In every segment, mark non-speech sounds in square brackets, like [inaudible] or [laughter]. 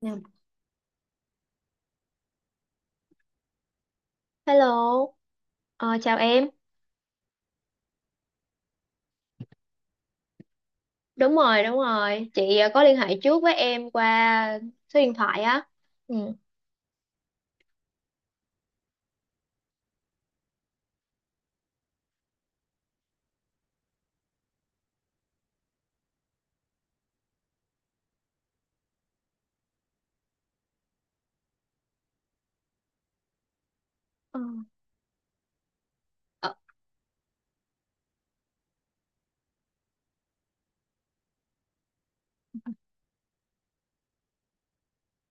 Dạ. Hello. Ờ, Chào em. Đúng rồi, đúng rồi. Chị có liên hệ trước với em qua số điện thoại á. Ừ. Ờ. Ờ,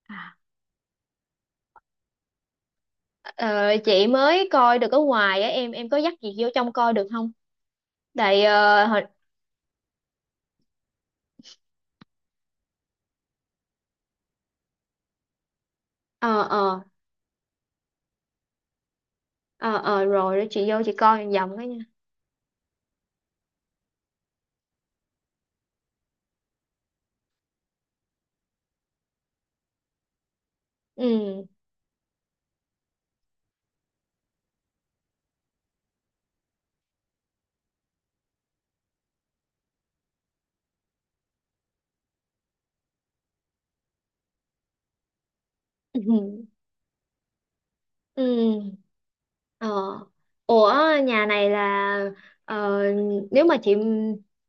À, ờ, chị mới coi được ở ngoài á em có dắt chị vô trong coi được không? Tại ờ hồi- ờ ờ ờ ờ, Rồi đó chị vô chị coi vòng vòng cái nha. Ừ. [laughs] Ừ. Ờ. Ủa, nhà này là, ờ, nếu mà chị,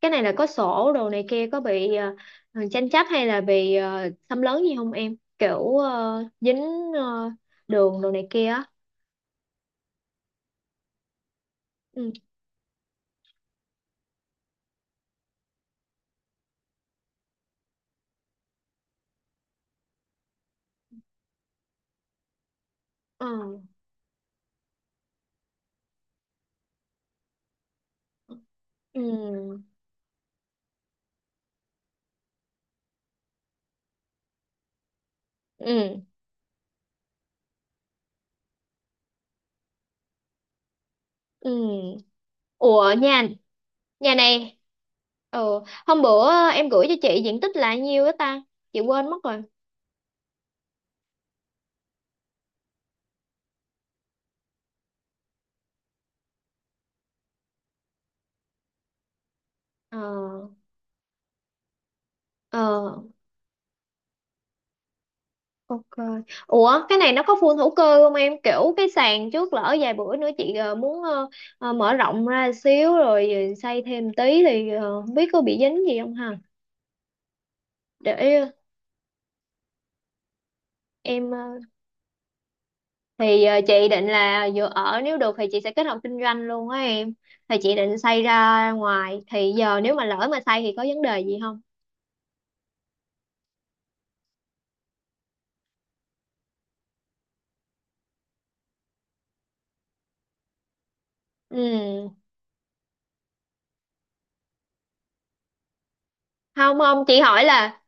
cái này là có sổ đồ này kia, có bị tranh chấp hay là bị xâm lấn gì không em? Kiểu dính ờ, đường đồ này kia á. Ừ. Ờ. Ừ. Ừ. Ừ. Ủa, nhà nhà này ừ. Hôm bữa em gửi cho chị diện tích là nhiêu đó ta? Chị quên mất rồi. Ờ. Ờ. Ok. Ủa, cái này nó có phun hữu cơ không em? Kiểu cái sàn trước lỡ vài bữa nữa chị muốn mở rộng ra xíu rồi xây thêm tí thì không biết có bị dính gì không ha? Để ờ, em ờ, thì ờ, Chị định là vừa ở, nếu được thì chị sẽ kết hợp kinh doanh luôn á em. Thì chị định xây ra ngoài, thì giờ nếu mà lỡ mà xây thì có vấn đề gì không? Ừ. Không không, chị hỏi là,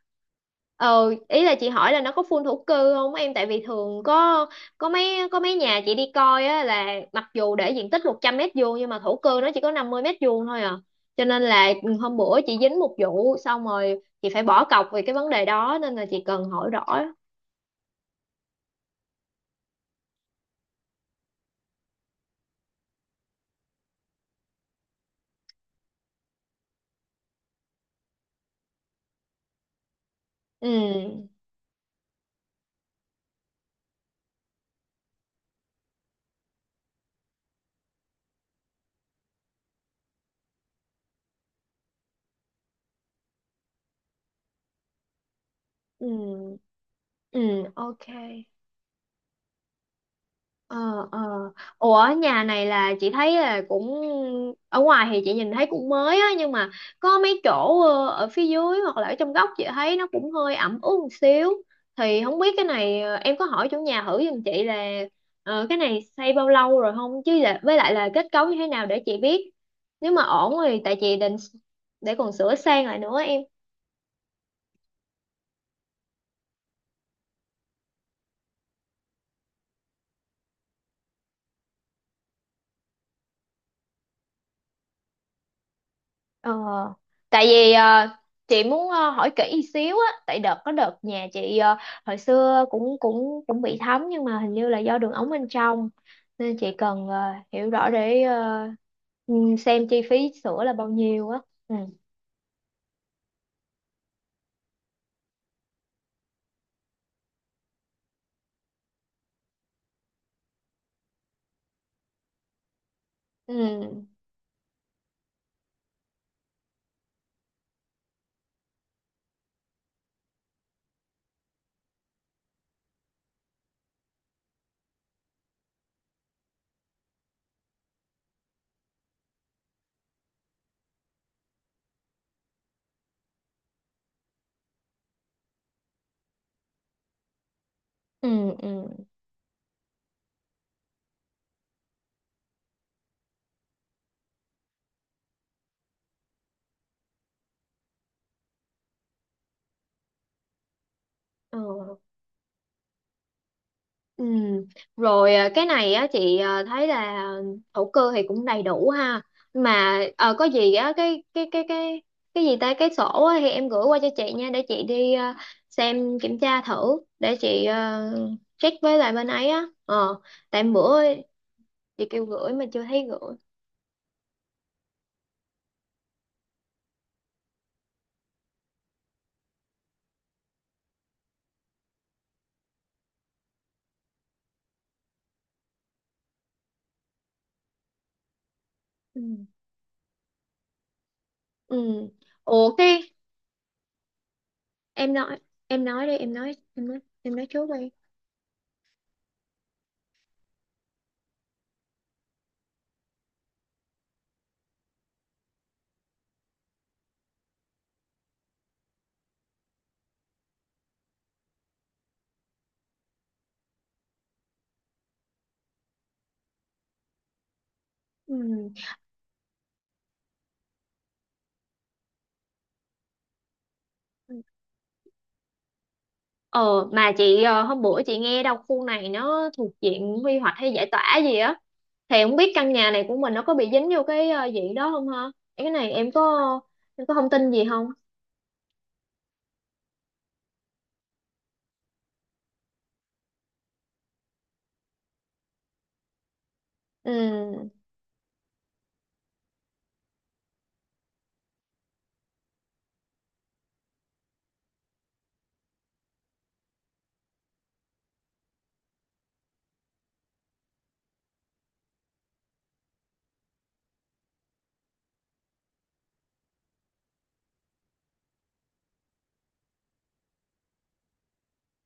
ý là chị hỏi là nó có phun thổ cư không em, tại vì thường có có mấy nhà chị đi coi á là mặc dù để diện tích 100 mét vuông nhưng mà thổ cư nó chỉ có 50 mét vuông thôi à, cho nên là hôm bữa chị dính một vụ xong rồi chị phải bỏ cọc về cái vấn đề đó, nên là chị cần hỏi rõ. Ừ ừ ừ, ok. Ờ ờ, ủa nhà này là chị thấy là cũng, ở ngoài thì chị nhìn thấy cũng mới á, nhưng mà có mấy chỗ ở phía dưới hoặc là ở trong góc chị thấy nó cũng hơi ẩm ướt một xíu, thì không biết cái này em có hỏi chủ nhà thử giùm chị là cái này xây bao lâu rồi không, chứ là, với lại là kết cấu như thế nào để chị biết, nếu mà ổn thì tại chị định để còn sửa sang lại nữa em. Ờ, tại vì chị muốn hỏi kỹ xíu á, tại đợt có đợt nhà chị hồi xưa cũng cũng cũng bị thấm nhưng mà hình như là do đường ống bên trong, nên chị cần hiểu rõ để ừ, xem chi phí sữa là bao nhiêu á. Ừ. Ừ ừ ừ ừ. Ừ. Rồi, à, cái này á chị à, thấy là thổ cư thì cũng đầy đủ ha, mà có gì á, cái gì ta cái sổ á, thì em gửi qua cho chị nha để chị đi, à, xem kiểm tra thử để chị, à, check với lại bên ấy á. Ờ tại bữa chị kêu gửi mà chưa thấy gửi. Ừ. Ừ, ủa cái, em nói, em nói đi em nói em nói em nói trước đi. Ừ. Ờ mà chị, hôm bữa chị nghe đâu khu này nó thuộc diện quy hoạch hay giải tỏa gì á, thì không biết căn nhà này của mình nó có bị dính vô cái diện đó không ha? Cái này em có, em có thông tin gì không? Ừ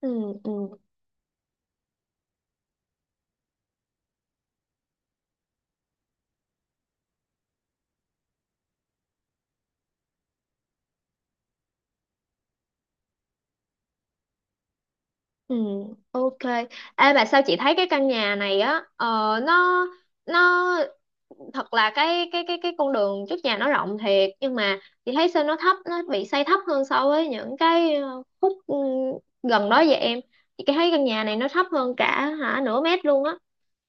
ừ ừ ừ, ok. Ê mà sao chị thấy cái căn nhà này á, ờ, nó nó thật là cái con đường trước nhà nó rộng thiệt nhưng mà chị thấy sao nó thấp, nó bị xây thấp hơn so với những cái khúc gần đó vậy em. Chị thấy căn nhà này nó thấp hơn cả hả nửa mét luôn á,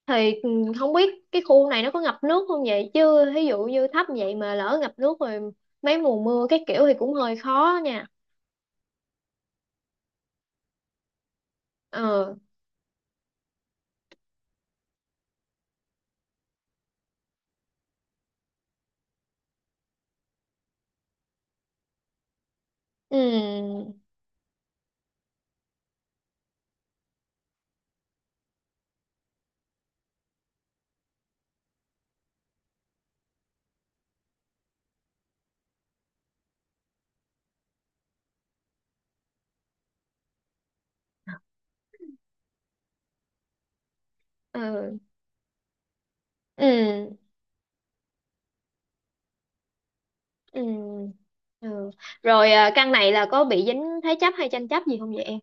thì không biết cái khu này nó có ngập nước không vậy, chứ ví dụ như thấp vậy mà lỡ ngập nước rồi mấy mùa mưa cái kiểu thì cũng hơi khó nha. Ờ ừ ừ ừ ừ ừ. Rồi, à, căn này là có bị dính thế chấp hay tranh chấp gì không vậy em?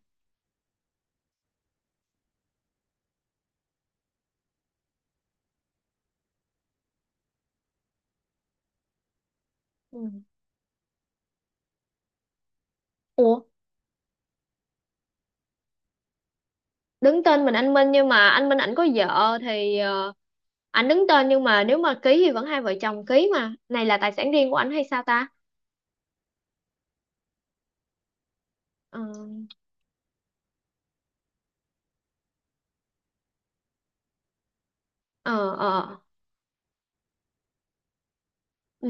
Ừ. Ủa, đứng tên mình anh Minh nhưng mà anh Minh ảnh có vợ thì ảnh đứng tên nhưng mà nếu mà ký thì vẫn hai vợ chồng ký mà, này là tài sản riêng của ảnh hay sao ta? Ờ ờ ờ, ừ,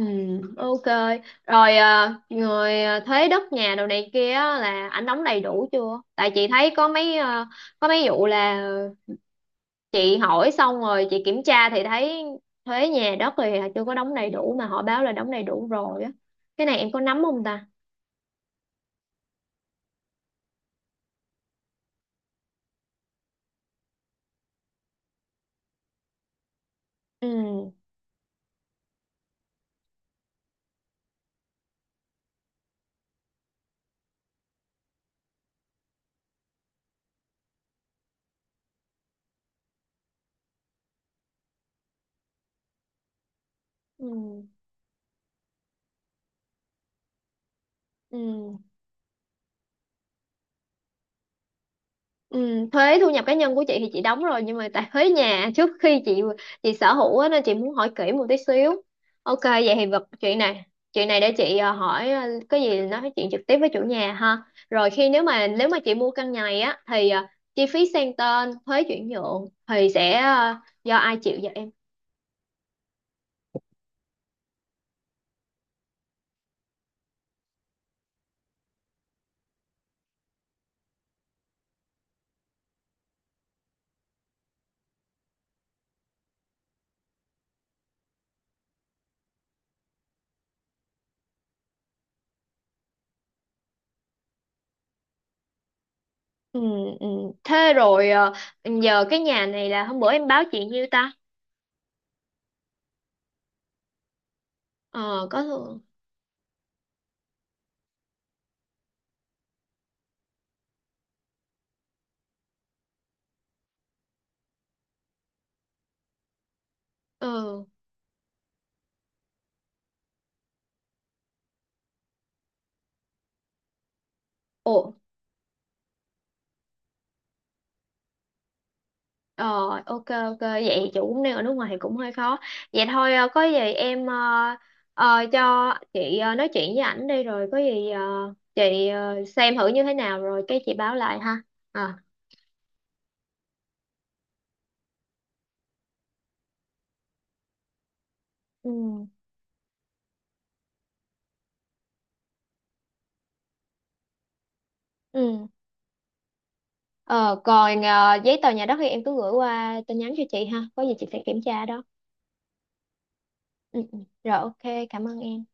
ok. Rồi người, thuế đất nhà đồ này kia á, là ảnh đóng đầy đủ chưa, tại chị thấy có mấy có mấy vụ là chị hỏi xong rồi chị kiểm tra thì thấy thuế nhà đất thì chưa có đóng đầy đủ mà họ báo là đóng đầy đủ rồi á, cái này em có nắm không ta? Ừ ừ ừ. Ừ, thuế thu nhập cá nhân của chị thì chị đóng rồi nhưng mà tại thuế nhà trước khi chị sở hữu á, nên chị muốn hỏi kỹ một tí xíu. Ok vậy thì vật chuyện này, chuyện này để chị hỏi, cái gì, nói chuyện trực tiếp với chủ nhà ha. Rồi khi nếu mà, nếu mà chị mua căn nhà này á thì chi phí sang tên thuế chuyển nhượng thì sẽ do ai chịu vậy em? Ừ, ừ. Thế rồi giờ cái nhà này là hôm bữa em báo chị nhiêu ta? Ờ có thường. Ừ. Ồ, ờ, ok ok, vậy chị cũng đang ở nước ngoài thì cũng hơi khó. Vậy thôi có gì em, cho chị nói chuyện với ảnh đi, rồi có gì chị xem thử như thế nào rồi cái chị báo lại ha. Ờ. Ừ. Ừ. Ờ, còn giấy tờ nhà đất thì em cứ gửi qua tin nhắn cho chị ha. Có gì chị sẽ kiểm tra đó. Ừ. Ừ. Rồi ok, cảm ơn em.